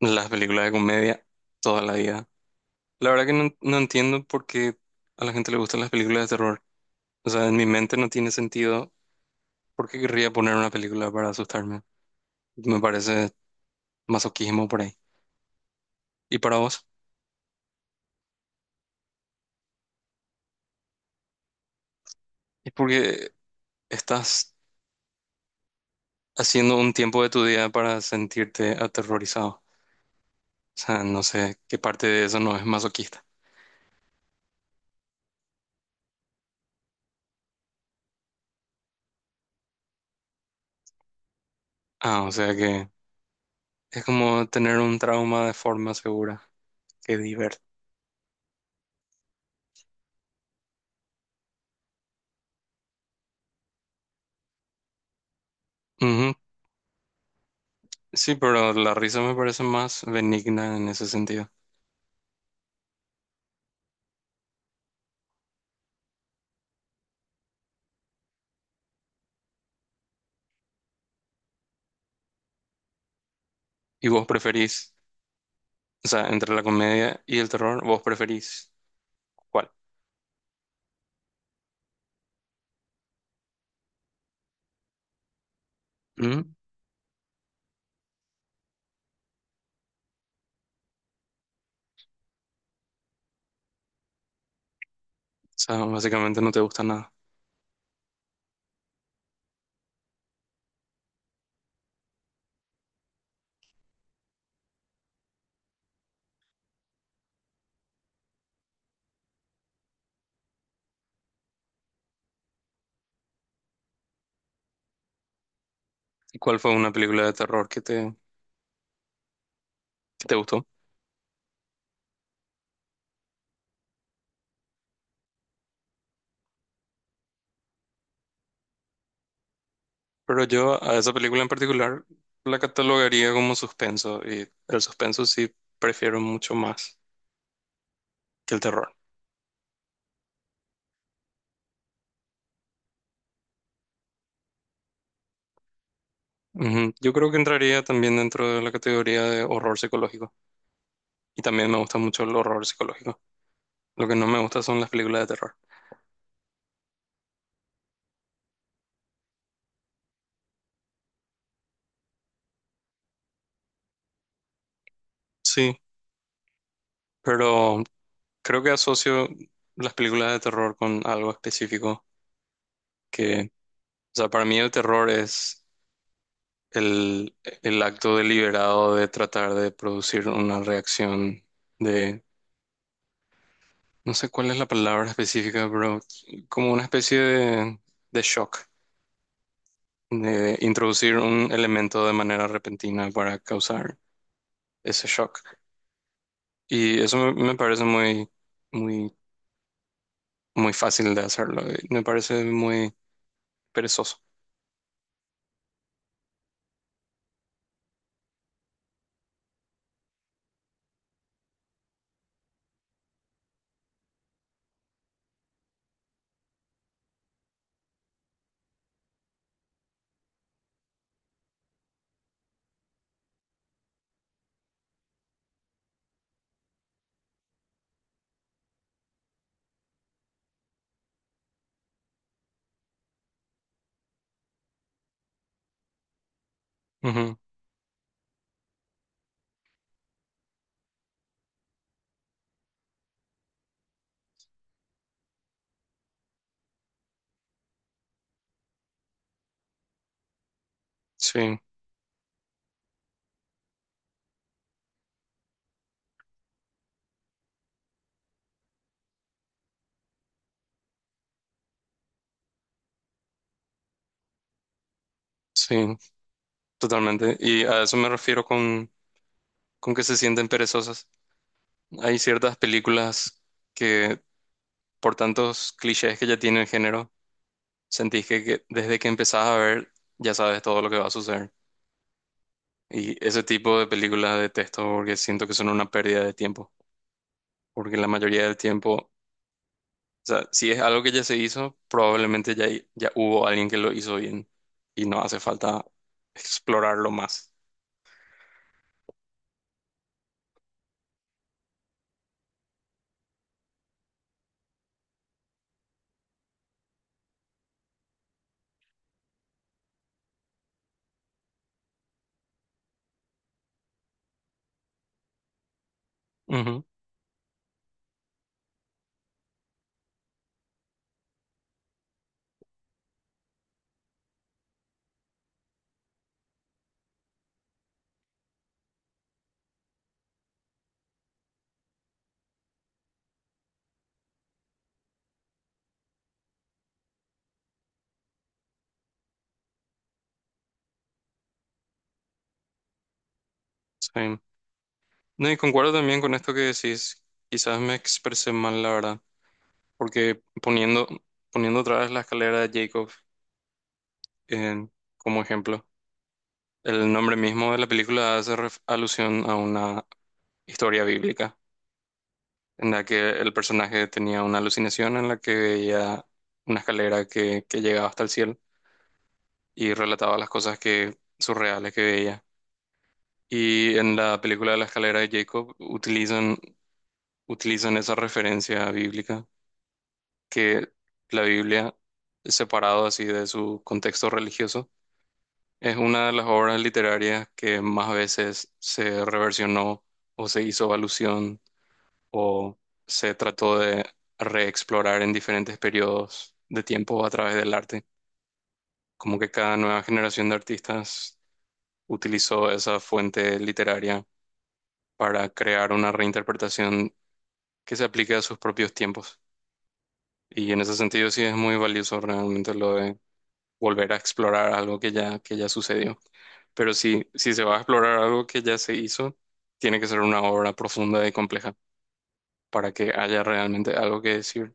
Las películas de comedia toda la vida. La verdad que no, no entiendo por qué a la gente le gustan las películas de terror. O sea, en mi mente no tiene sentido por qué querría poner una película para asustarme. Me parece masoquismo por ahí. ¿Y para vos? Es porque estás haciendo un tiempo de tu día para sentirte aterrorizado. O sea, no sé qué parte de eso no es masoquista. Ah, o sea que es como tener un trauma de forma segura. Qué divertido. Sí, pero la risa me parece más benigna en ese sentido. ¿Y vos preferís, o sea, entre la comedia y el terror, vos preferís cuál? ¿Mm? O sea, básicamente no te gusta nada. ¿Y cuál fue una película de terror que te gustó? Pero yo a esa película en particular la catalogaría como suspenso y el suspenso sí prefiero mucho más que el terror. Ujú. Yo creo que entraría también dentro de la categoría de horror psicológico y también me gusta mucho el horror psicológico. Lo que no me gusta son las películas de terror. Sí. Pero creo que asocio las películas de terror con algo específico, que, o sea, para mí el terror es el, el acto deliberado de tratar de producir una reacción de, no sé cuál es la palabra específica, pero como una especie de, shock, de introducir un elemento de manera repentina para causar ese shock. Y eso me parece muy, muy, muy fácil de hacerlo, y me parece muy perezoso. Sí, sí, totalmente. Y a eso me refiero con, que se sienten perezosas. Hay ciertas películas que, por tantos clichés que ya tiene el género, sentís que desde que empezás a ver ya sabes todo lo que va a suceder. Y ese tipo de películas detesto porque siento que son una pérdida de tiempo. Porque la mayoría del tiempo, o sea, si es algo que ya se hizo, probablemente ya, ya hubo alguien que lo hizo bien y no hace falta explorarlo más. Ujú, sí. No, y concuerdo también con esto que decís. Quizás me expresé mal, la verdad, porque poniendo otra vez la escalera de Jacob como ejemplo, el nombre mismo de la película hace alusión a una historia bíblica, en la que el personaje tenía una alucinación en la que veía una escalera que llegaba hasta el cielo y relataba las cosas que surreales que veía. Y en la película de la escalera de Jacob utilizan esa referencia bíblica, que la Biblia, separado así de su contexto religioso, es una de las obras literarias que más veces se reversionó o se hizo alusión o se trató de reexplorar en diferentes periodos de tiempo a través del arte. Como que cada nueva generación de artistas utilizó esa fuente literaria para crear una reinterpretación que se aplique a sus propios tiempos. Y en ese sentido sí es muy valioso realmente lo de volver a explorar algo que ya sucedió. Pero si se va a explorar algo que ya se hizo, tiene que ser una obra profunda y compleja para que haya realmente algo que decir.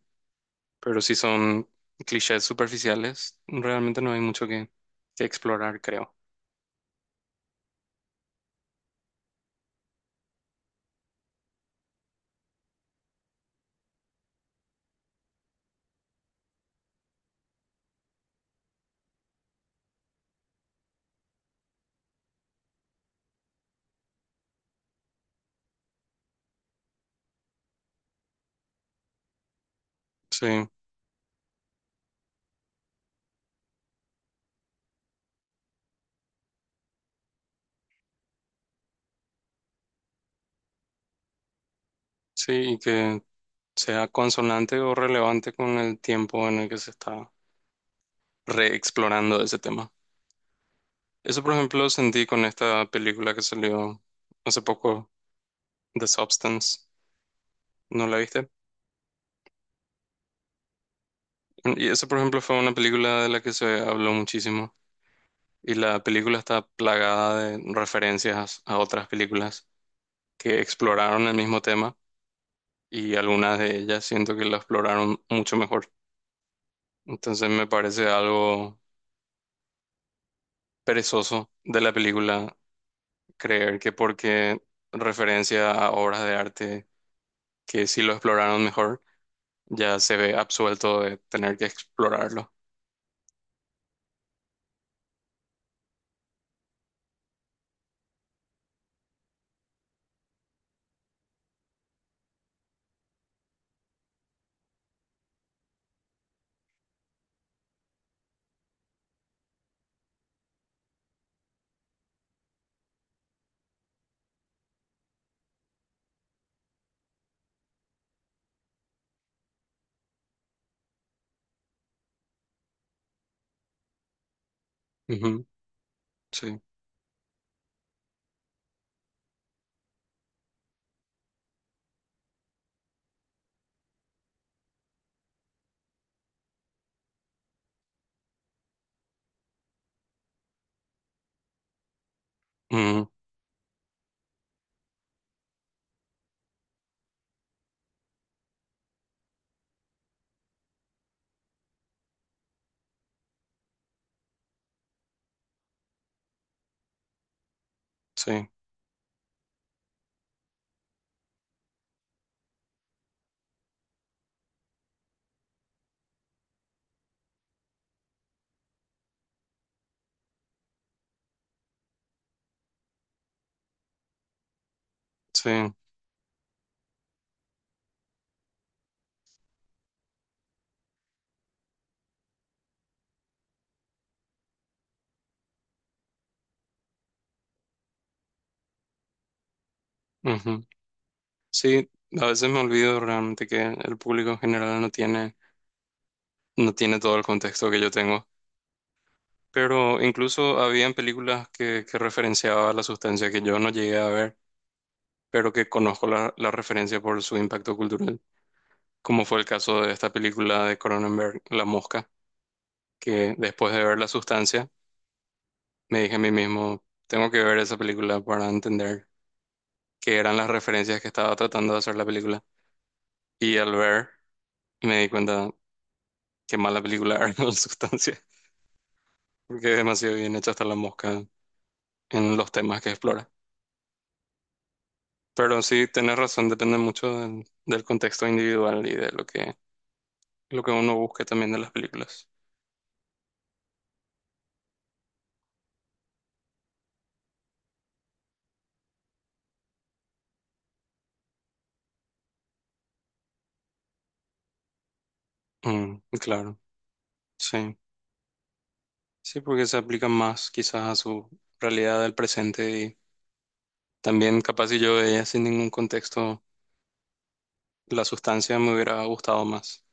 Pero si son clichés superficiales, realmente no hay mucho que explorar, creo. Sí, sí, y que sea consonante o relevante con el tiempo en el que se está reexplorando ese tema. Eso, por ejemplo, lo sentí con esta película que salió hace poco, The Substance. ¿No la viste? Y eso, por ejemplo, fue una película de la que se habló muchísimo. Y la película está plagada de referencias a otras películas que exploraron el mismo tema y algunas de ellas siento que la exploraron mucho mejor. Entonces me parece algo perezoso de la película creer que porque referencia a obras de arte que sí lo exploraron mejor ya se ve absuelto de tener que explorarlo. Ujú, sí, ujú, sí, sí, ujú. Sí, a veces me olvido realmente que el público en general no tiene todo el contexto que yo tengo. Pero incluso habían películas que referenciaba la sustancia que yo no llegué a ver, pero que conozco la referencia por su impacto cultural, como fue el caso de esta película de Cronenberg, La Mosca, que después de ver la sustancia, me dije a mí mismo, tengo que ver esa película para entender que eran las referencias que estaba tratando de hacer la película. Y al ver, me di cuenta qué mala película era en sustancia, porque es demasiado bien hecha hasta la mosca en los temas que explora. Pero sí, tenés razón, depende mucho del contexto individual y de lo que uno busque también de las películas. Mm, claro, sí. Sí, porque se aplica más quizás a su realidad del presente y también capaz si yo veía sin ningún contexto la sustancia me hubiera gustado más.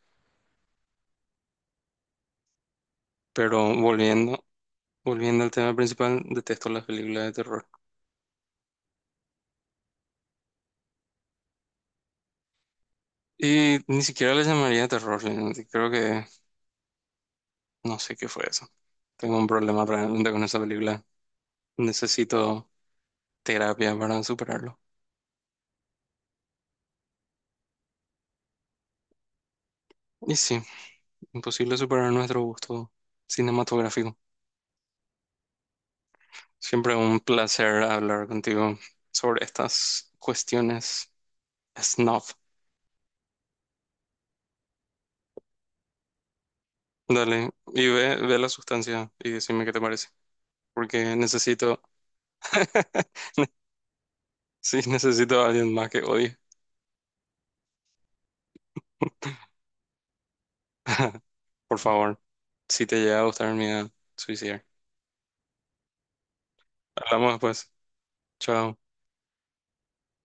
Pero volviendo Volviendo al tema principal, detesto las películas de terror. Y ni siquiera les llamaría terror, realmente. Creo que no sé qué fue eso. Tengo un problema realmente con esa película. Necesito terapia para superarlo. Y sí, imposible superar nuestro gusto cinematográfico. Siempre un placer hablar contigo sobre estas cuestiones snuff. Dale, y ve la sustancia y decime qué te parece. Porque necesito, sí, necesito a alguien más que odie. Por favor, si te llega a gustar mi idea, suicidar. Hablamos después. Chao.